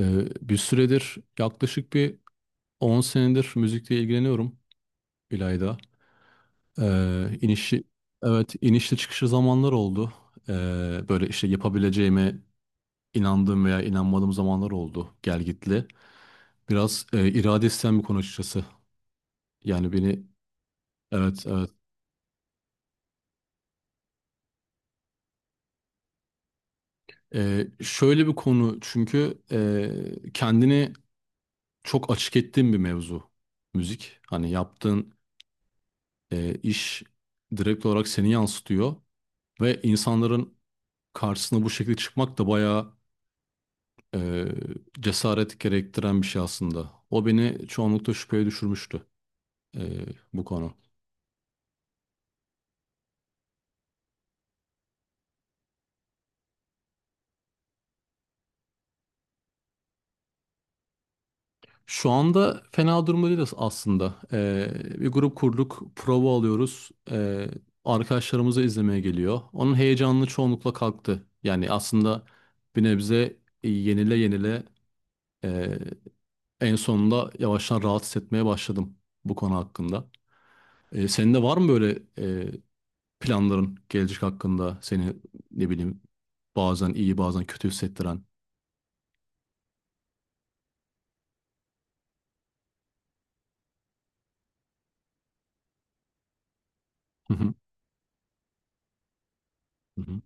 Bir süredir yaklaşık 10 senedir müzikle ilgileniyorum İlayda. Ee, inişi, evet, inişli çıkışlı zamanlar oldu. Böyle işte yapabileceğime inandığım veya inanmadığım zamanlar oldu, gelgitli. Biraz irade isteyen bir konu açıkçası. Yani beni evet, evet. Şöyle bir konu, çünkü kendini çok açık ettiğim bir mevzu müzik. Hani yaptığın iş direkt olarak seni yansıtıyor. Ve insanların karşısına bu şekilde çıkmak da bayağı eee, cesaret gerektiren bir şey aslında. O beni çoğunlukla şüpheye düşürmüştü eee, bu konu. Şu anda fena durumda değiliz aslında. Bir grup kurduk, prova alıyoruz. Arkadaşlarımızı izlemeye geliyor. Onun heyecanını çoğunlukla kalktı. Yani aslında bir nebze yenile yenile eee, en sonunda yavaştan rahat hissetmeye başladım bu konu hakkında. Senin de var mı böyle e, planların gelecek hakkında seni ne bileyim bazen iyi bazen kötü hissettiren. Hı hı. Hı hı.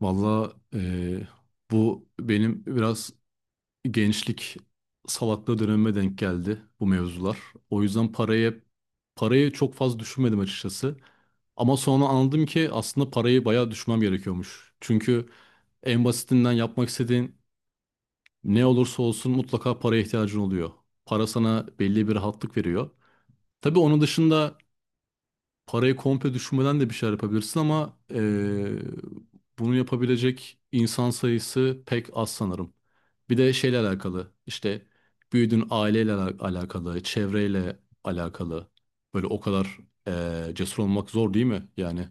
Valla bu benim biraz gençlik salaklığı dönemime denk geldi bu mevzular. O yüzden parayı çok fazla düşünmedim açıkçası. Ama sonra anladım ki aslında parayı bayağı düşünmem gerekiyormuş. Çünkü en basitinden yapmak istediğin ne olursa olsun mutlaka paraya ihtiyacın oluyor. Para sana belli bir rahatlık veriyor. Tabii onun dışında parayı komple düşürmeden de bir şeyler yapabilirsin, ama bunu yapabilecek insan sayısı pek az sanırım. Bir de şeyle alakalı, işte büyüdüğün aileyle alakalı, çevreyle alakalı. Böyle o kadar cesur olmak zor değil mi? Yani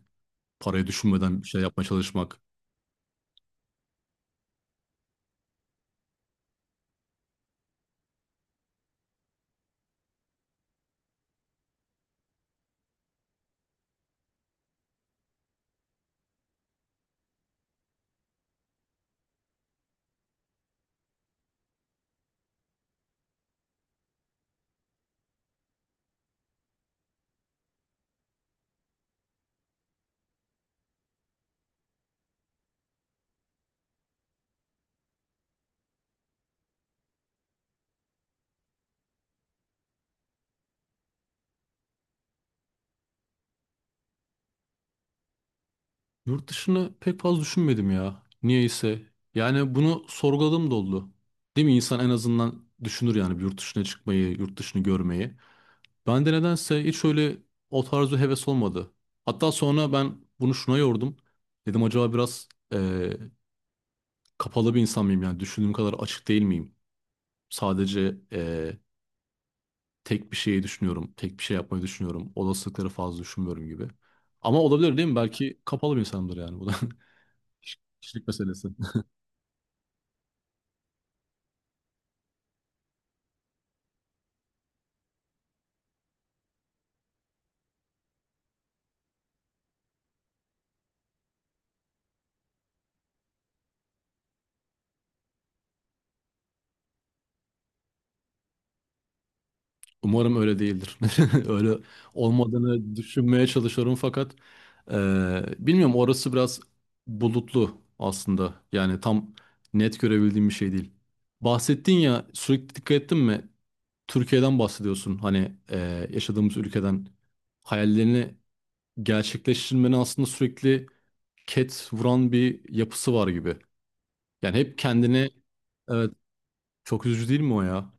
parayı düşünmeden bir şey yapmaya çalışmak. Yurt dışını pek fazla düşünmedim ya. Niyeyse. Yani bunu sorguladığım da oldu. Değil mi? İnsan en azından düşünür yani, bir yurt dışına çıkmayı, yurt dışını görmeyi. Ben de nedense hiç öyle o tarzı heves olmadı. Hatta sonra ben bunu şuna yordum. Dedim acaba biraz kapalı bir insan mıyım, yani düşündüğüm kadar açık değil miyim? Sadece tek bir şeyi düşünüyorum, tek bir şey yapmayı düşünüyorum. Olasılıkları fazla düşünmüyorum gibi. Ama olabilir değil mi? Belki kapalı bir insanımdır, yani bu da kişilik meselesi. Umarım öyle değildir. Öyle olmadığını düşünmeye çalışıyorum, fakat bilmiyorum, orası biraz bulutlu aslında. Yani tam net görebildiğim bir şey değil. Bahsettin ya, sürekli dikkat ettin mi? Türkiye'den bahsediyorsun. Hani yaşadığımız ülkeden hayallerini gerçekleştirmenin aslında sürekli ket vuran bir yapısı var gibi. Yani hep kendini evet, çok üzücü değil mi o ya?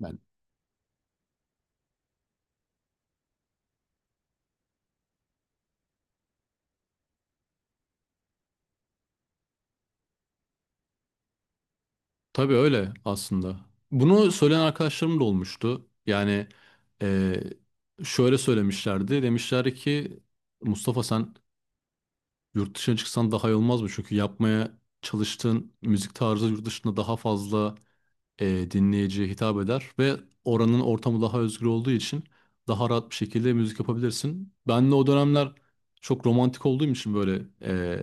Yani tabii öyle aslında. Bunu söyleyen arkadaşlarım da olmuştu. Yani eee, şöyle söylemişlerdi. Demişler ki Mustafa sen yurt dışına çıksan daha iyi olmaz mı? Çünkü yapmaya çalıştığın müzik tarzı yurt dışında daha fazla dinleyiciye hitap eder ve oranın ortamı daha özgür olduğu için daha rahat bir şekilde müzik yapabilirsin. Ben de o dönemler çok romantik olduğum için böyle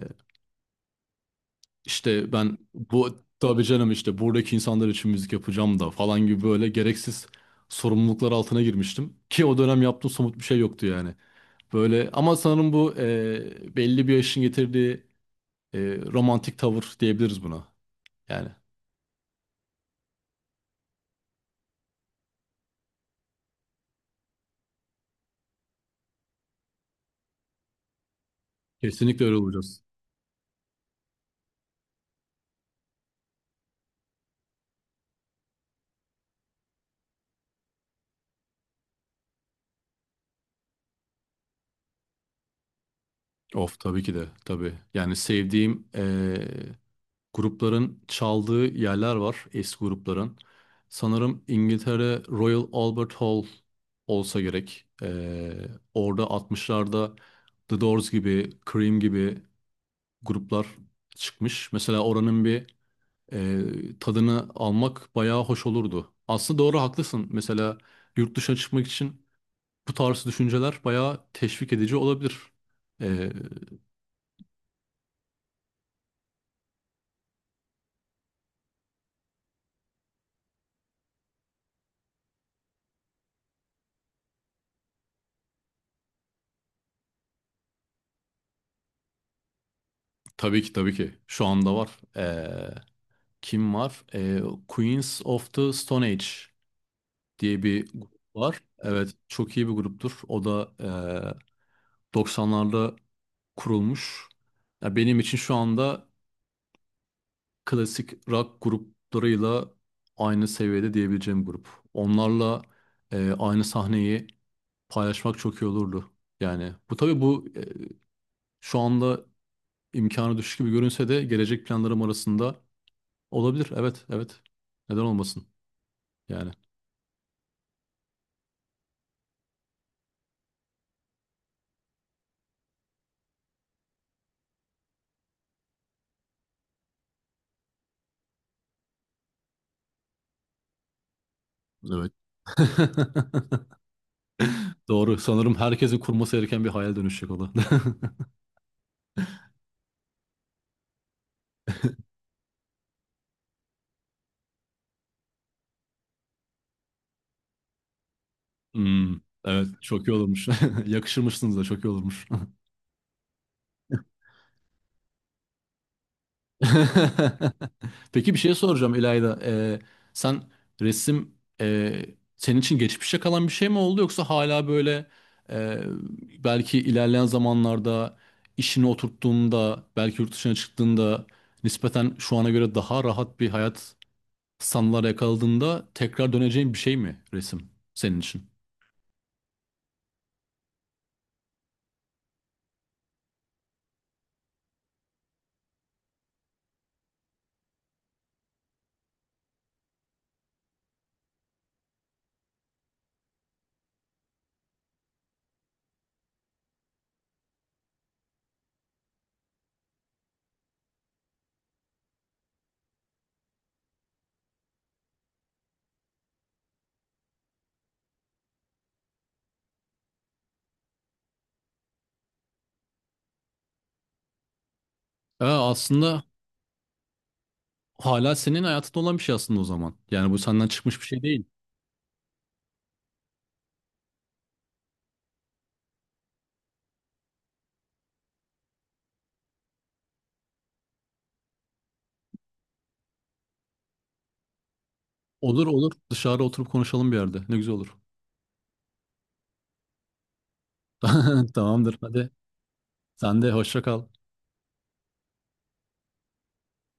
işte ben bu tabii canım, işte buradaki insanlar için müzik yapacağım da falan gibi böyle gereksiz sorumluluklar altına girmiştim. Ki o dönem yaptığım somut bir şey yoktu yani. Böyle, ama sanırım bu belli bir yaşın getirdiği e, romantik tavır diyebiliriz buna. Yani kesinlikle öyle olacağız. Of, tabii ki de tabii. Yani sevdiğim grupların çaldığı yerler var, eski grupların. Sanırım İngiltere Royal Albert Hall olsa gerek. Orada 60'larda The Doors gibi, Cream gibi gruplar çıkmış. Mesela oranın bir tadını almak bayağı hoş olurdu. Aslında doğru, haklısın. Mesela yurt dışına çıkmak için bu tarz düşünceler bayağı teşvik edici olabilir. Ee, tabii ki tabii ki şu anda var. Ee, Kim var? Queens of the Stone Age diye bir grup var. Evet, çok iyi bir gruptur. O da 90'larda kurulmuş. Ya benim için şu anda klasik rock gruplarıyla aynı seviyede diyebileceğim grup. Onlarla aynı sahneyi paylaşmak çok iyi olurdu. Yani bu tabii bu şu anda imkanı düşük gibi görünse de gelecek planlarım arasında olabilir. Evet, evet. Neden olmasın? Yani. Evet. Doğru. Sanırım herkesin kurması gereken bir hayal dönüşecek o da. Hmm, evet, çok iyi olurmuş. Yakışırmışsınız da, çok iyi olurmuş. Peki bir şey soracağım İlayda. Sen resim senin için geçmişe kalan bir şey mi oldu, yoksa hala böyle e, belki ilerleyen zamanlarda işini oturttuğunda, belki yurt dışına çıktığında nispeten şu ana göre daha rahat bir hayat sanılar yakaladığında tekrar döneceğin bir şey mi resim senin için? Aslında hala senin hayatında olan bir şey aslında o zaman. Yani bu senden çıkmış bir şey değil. Olur, olur, dışarı oturup konuşalım bir yerde. Ne güzel olur. Tamamdır, hadi. Sen de hoşça kal.